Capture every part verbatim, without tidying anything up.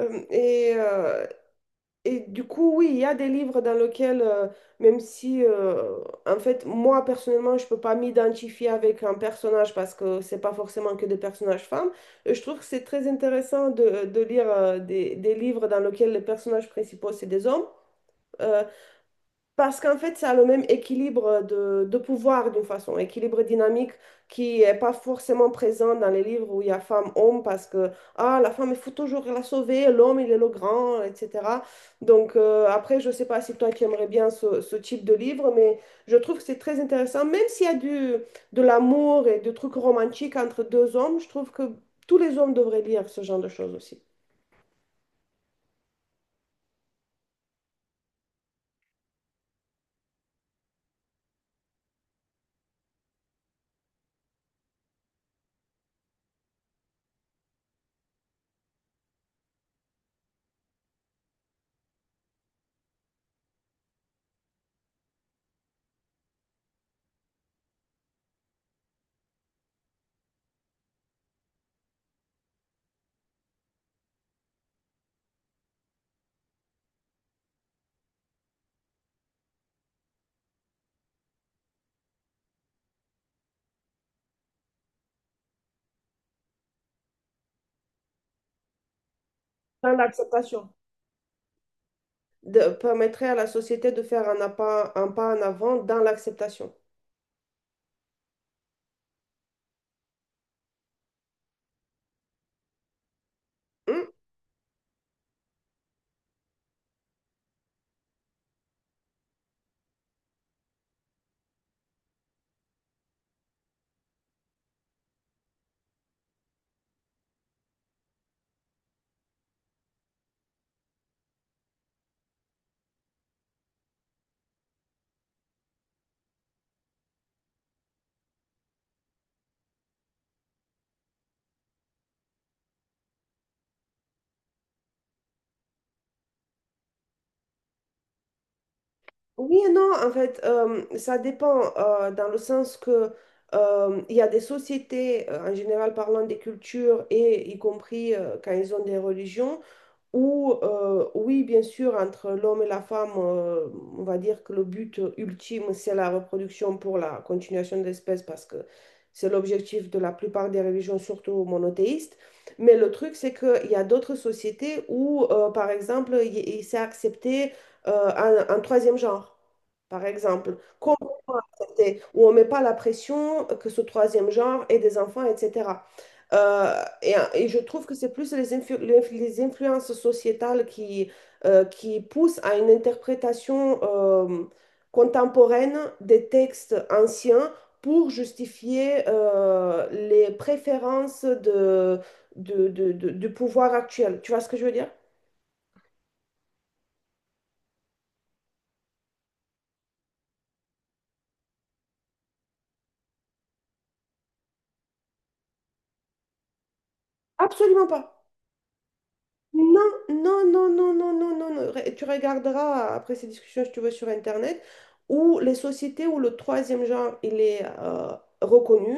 Euh, et, euh, et du coup, oui, il y a des livres dans lesquels, euh, même si, euh, en fait, moi, personnellement, je peux pas m'identifier avec un personnage parce que c'est pas forcément que des personnages femmes, euh, je trouve que c'est très intéressant de, de lire euh, des, des livres dans lesquels les personnages principaux, c'est des hommes. Parce qu'en fait, ça a le même équilibre de, de pouvoir d'une façon, équilibre dynamique qui n'est pas forcément présent dans les livres où il y a femme-homme parce que ah, la femme, il faut toujours la sauver, l'homme, il est le grand, et cétéra. Donc euh, après, je ne sais pas si toi, tu aimerais bien ce, ce type de livre, mais je trouve que c'est très intéressant, même s'il y a du, de l'amour et des trucs romantiques entre deux hommes, je trouve que tous les hommes devraient lire ce genre de choses aussi. Dans l'acceptation. De- permettrait à la société de faire un pas, un pas en avant dans l'acceptation. Hmm. Oui et non, en fait, euh, ça dépend, euh, dans le sens que euh, il y a des sociétés, euh, en général parlant des cultures et y compris euh, quand ils ont des religions. Ou, euh, oui, bien sûr, entre l'homme et la femme, euh, on va dire que le but ultime, c'est la reproduction pour la continuation de l'espèce, parce que c'est l'objectif de la plupart des religions, surtout monothéistes. Mais le truc, c'est qu'il y a d'autres sociétés où, euh, par exemple, il, il s'est accepté euh, un, un troisième genre, par exemple, complètement accepté, où on ne met pas la pression que ce troisième genre ait des enfants, et cétéra. Euh, et, et je trouve que c'est plus les, influ- les influ- les influences sociétales qui, euh, qui poussent à une interprétation euh, contemporaine des textes anciens pour justifier euh, les préférences de, de- de- de- du pouvoir actuel. Tu vois ce que je veux dire? Absolument pas. Non, non, non, non, non, non, non. non. Re- Tu regarderas après ces discussions, si tu veux, sur Internet, où les sociétés où le troisième genre, il est euh, reconnu,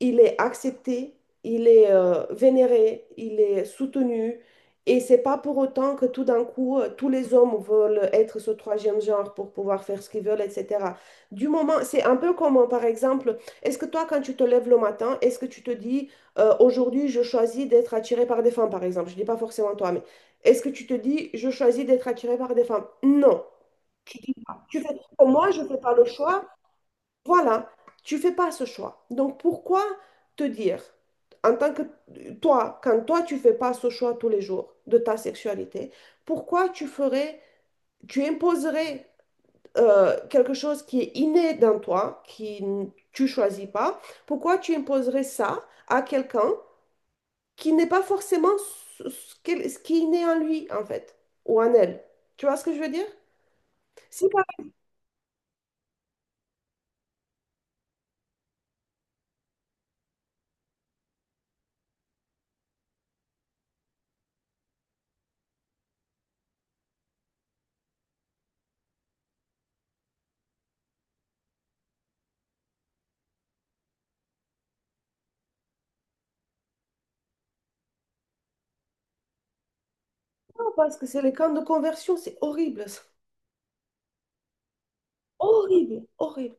il est accepté, il est euh, vénéré, il est soutenu. Et c'est pas pour autant que tout d'un coup, euh, tous les hommes veulent être ce troisième genre pour pouvoir faire ce qu'ils veulent, et cétéra. Du moment, c'est un peu comme, euh, par exemple, est-ce que toi, quand tu te lèves le matin, est-ce que tu te dis, euh, aujourd'hui, je choisis d'être attiré par des femmes, par exemple? Je dis pas forcément toi, mais est-ce que tu te dis, je choisis d'être attiré par des femmes? Non. Tu fais, moi, je fais pas le choix. Voilà, tu fais pas ce choix. Donc pourquoi te dire, en tant que toi, quand toi tu fais pas ce choix tous les jours de ta sexualité, pourquoi tu ferais, tu imposerais euh, quelque chose qui est inné dans toi, qui n- tu choisis pas, pourquoi tu imposerais ça à quelqu'un qui n'est pas forcément ce, ce qu'elle- ce qui est inné en lui en fait, ou en elle. Tu vois ce que je veux dire? Si par exemple, parce que c'est les camps de conversion, c'est horrible, ça. Horrible, horrible.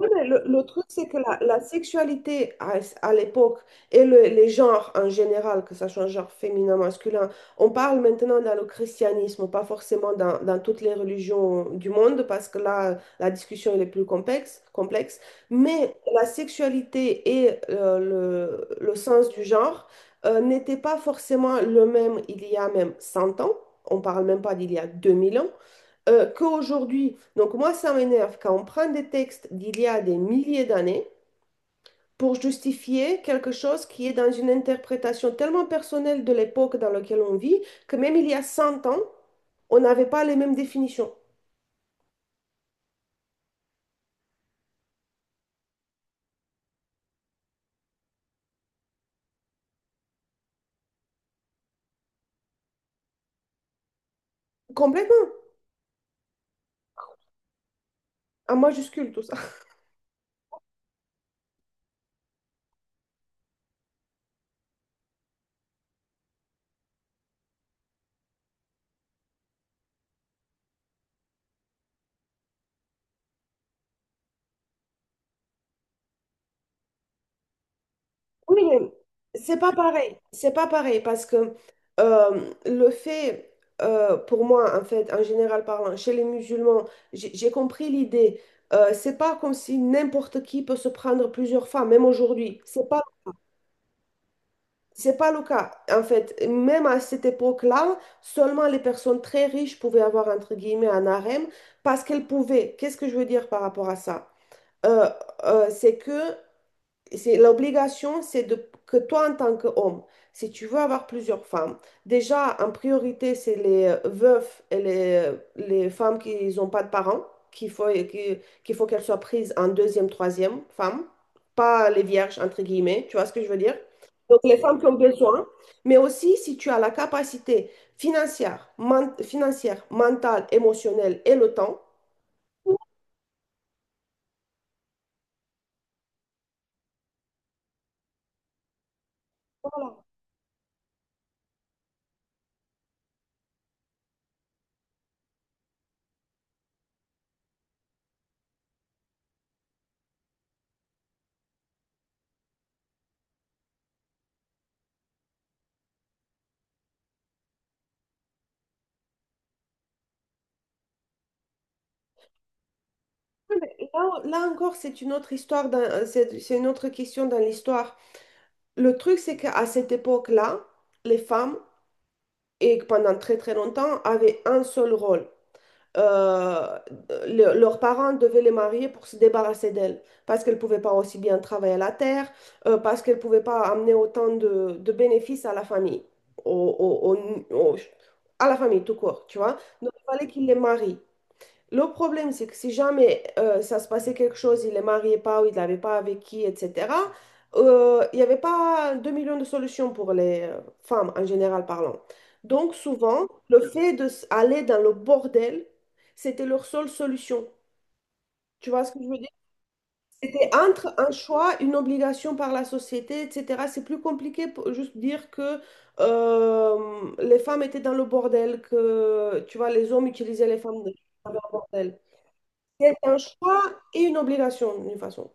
Oui, mais le, le truc, c'est que la, la sexualité à, à l'époque et le- les genres en général, que ça soit un genre féminin, masculin, on parle maintenant dans le christianisme, pas forcément dans, dans toutes les religions du monde, parce que là, la discussion elle est plus complexe, complexe. Mais la sexualité et euh, le, le sens du genre euh, n'étaient pas forcément le même il y a même cent ans, on parle même pas d'il y a deux mille ans euh, qu'aujourd'hui. Donc moi, ça m'énerve quand on prend des textes d'il y a des milliers d'années pour justifier quelque chose qui est dans une interprétation tellement personnelle de l'époque dans laquelle on vit, que même il y a cent ans, on n'avait pas les mêmes définitions. Complètement, en majuscule tout ça. Oui, c'est pas pareil. C'est pas pareil parce que euh, le fait, euh, pour moi, en fait, en général parlant, chez les musulmans, j'ai j'ai compris l'idée. Euh, c'est pas comme si n'importe qui peut se prendre plusieurs femmes, même aujourd'hui. C'est pas, c'est pas le cas. En fait, même à cette époque-là, seulement les personnes très riches pouvaient avoir, entre guillemets, un harem parce qu'elles pouvaient. Qu'est-ce que je veux dire par rapport à ça? Euh, euh, c'est que c'est l'obligation, c'est de que toi en tant qu'homme, si tu veux avoir plusieurs femmes, déjà en priorité c'est les euh, veufs et les, euh, les femmes qui n'ont pas de parents, qu'il faut qui- qu'il faut qu'elles soient prises en deuxième, troisième femme, pas les vierges entre guillemets, tu vois ce que je veux dire? Donc les femmes qui ont besoin, mais aussi si tu as la capacité financière, men- financière, mentale, émotionnelle et le temps. Voilà. Là, là encore, c'est une autre histoire, dans- c'est c'est une autre question dans l'histoire. Le truc, c'est qu'à cette époque-là, les femmes, et pendant très très longtemps, avaient un seul rôle. Euh, le- Leurs parents devaient les marier pour se débarrasser d'elles, parce qu'elles ne pouvaient pas aussi bien travailler à la terre, euh, parce qu'elles ne pouvaient pas amener autant de, de bénéfices à la famille, au- au- au- au- à la famille tout court, tu vois. Donc, il fallait qu'ils les marient. Le problème, c'est que si jamais euh, ça se passait quelque chose, il est marié pas ou il n'avait pas avec qui, et cétéra, euh, il n'y avait pas deux millions de solutions pour les euh, femmes en général parlant. Donc souvent, le fait d'aller dans le bordel, c'était leur seule solution. Tu vois ce que je veux dire? C'était entre un choix, une obligation par la société, et cétéra. C'est plus compliqué pour juste dire que euh, les femmes étaient dans le bordel, que tu vois, les hommes utilisaient les femmes dans le bordel. C'est un choix et une obligation, d'une façon.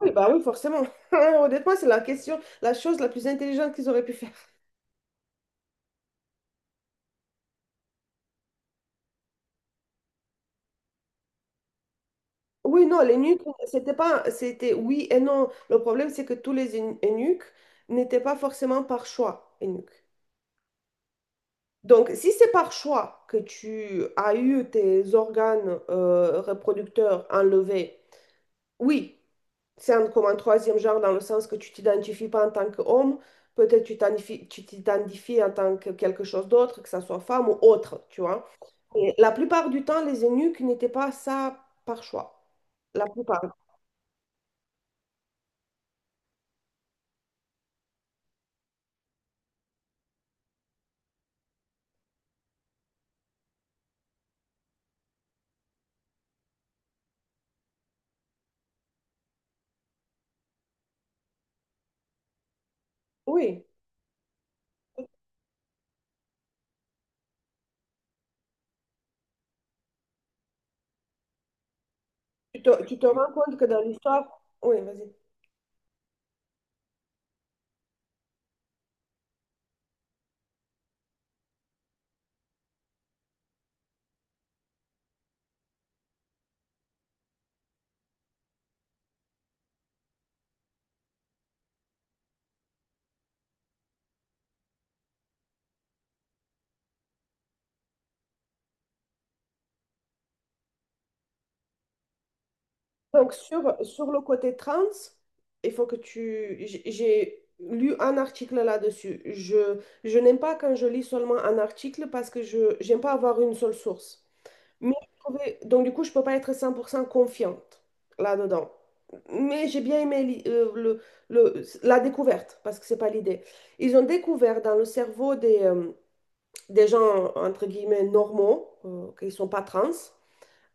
Oui, bah oui, forcément. Honnêtement, c'est la question, la chose la plus intelligente qu'ils auraient pu faire. Oui, non, les nuques, c'était pas, c'était oui et non. Le problème, c'est que tous les eunuques eunuques n'étaient pas forcément par choix eunuques. Donc, si c'est par choix que tu as eu tes organes euh, reproducteurs enlevés. Oui, c'est un- comme un troisième genre dans le sens que tu t'identifies pas en tant qu'homme, peut-être tu t'identifies, tu t'identifies en tant que quelque chose d'autre, que ça soit femme ou autre, tu vois. Et la plupart du temps, les eunuques n'étaient pas ça par choix. La plupart. Oui. Tu te, tu te rends compte que dans l'histoire. Oui, vas-y. Donc, sur, sur le côté trans, il faut que tu. J'ai j'ai lu un article là-dessus. Je, je n'aime pas quand je lis seulement un article parce que je j'aime pas avoir une seule source. Mais je trouvais- donc du coup, je peux pas être cent pour cent confiante là-dedans. Mais j'ai bien aimé l'i- euh, le, le- la découverte, parce que c'est pas l'idée. Ils ont découvert dans le cerveau des, euh, des gens, entre guillemets, normaux, euh, qui sont pas trans,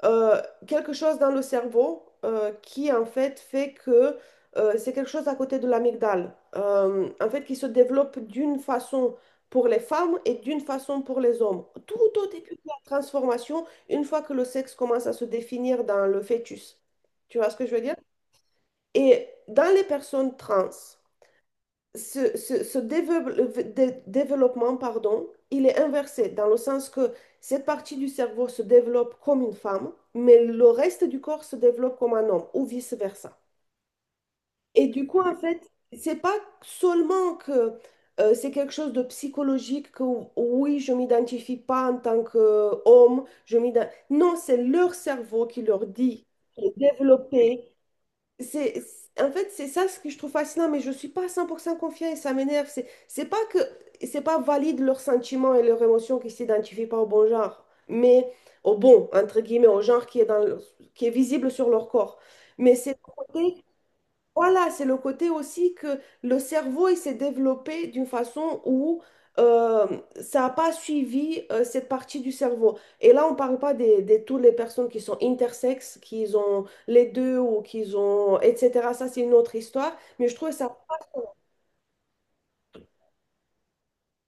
euh, quelque chose dans le cerveau euh, qui en fait fait que euh, c'est quelque chose à côté de l'amygdale, euh, en fait qui se développe d'une façon pour les femmes et d'une façon pour les hommes. Tout au début de la transformation, une fois que le sexe commence à se définir dans le fœtus. Tu vois ce que je veux dire? Et dans les personnes trans, ce, ce- ce dévelop- dé- développement, pardon, il est inversé dans le sens que cette partie du cerveau se développe comme une femme, mais le reste du corps se développe comme un homme ou vice-versa. Et du coup, en fait, c'est pas seulement que euh, c'est quelque chose de psychologique que oui, je m'identifie pas en tant qu'homme, je m'identifie... Non, c'est leur cerveau qui leur dit de développer. C'est, c'est- en fait, c'est ça ce que je trouve fascinant, mais je suis pas à cent pour cent confiant et ça m'énerve. C'est, c'est pas que, c'est pas valide leurs sentiments et leurs émotions qui s'identifient pas au bon genre, mais au bon, entre guillemets, au genre qui est dans le- qui est visible sur leur corps. Mais c'est le côté voilà, c'est le côté aussi que le cerveau il s'est développé d'une façon où euh, ça n'a pas suivi euh, cette partie du cerveau. Et là, on ne parle pas des, des toutes les personnes qui sont intersexes, qui ont les deux ou qui ont, et cétéra. Ça, c'est une autre histoire. Mais je trouve ça.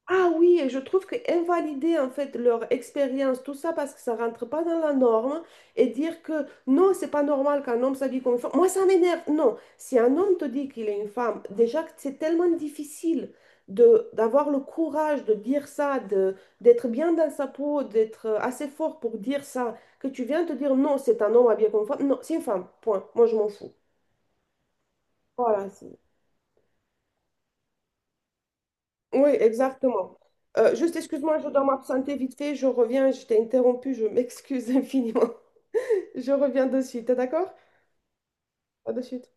Ah oui, et je trouve que invalider en fait leur expérience, tout ça parce que ça rentre pas dans la norme et dire que non, c'est pas normal qu'un homme s'habille comme une femme. Moi, ça m'énerve. Non, si un homme te dit qu'il est une femme, déjà que c'est tellement difficile de d'avoir le courage de dire ça, de d'être bien dans sa peau, d'être assez fort pour dire ça, que tu viens te dire non, c'est un homme habillé comme une femme. Non, c'est une femme. Point. Moi, je m'en fous. Voilà. Oui, exactement. Euh, juste, excuse-moi, je dois m'absenter vite fait. Je reviens, je t'ai interrompu, je m'excuse infiniment. Je reviens de suite, t'es d'accord? À de suite.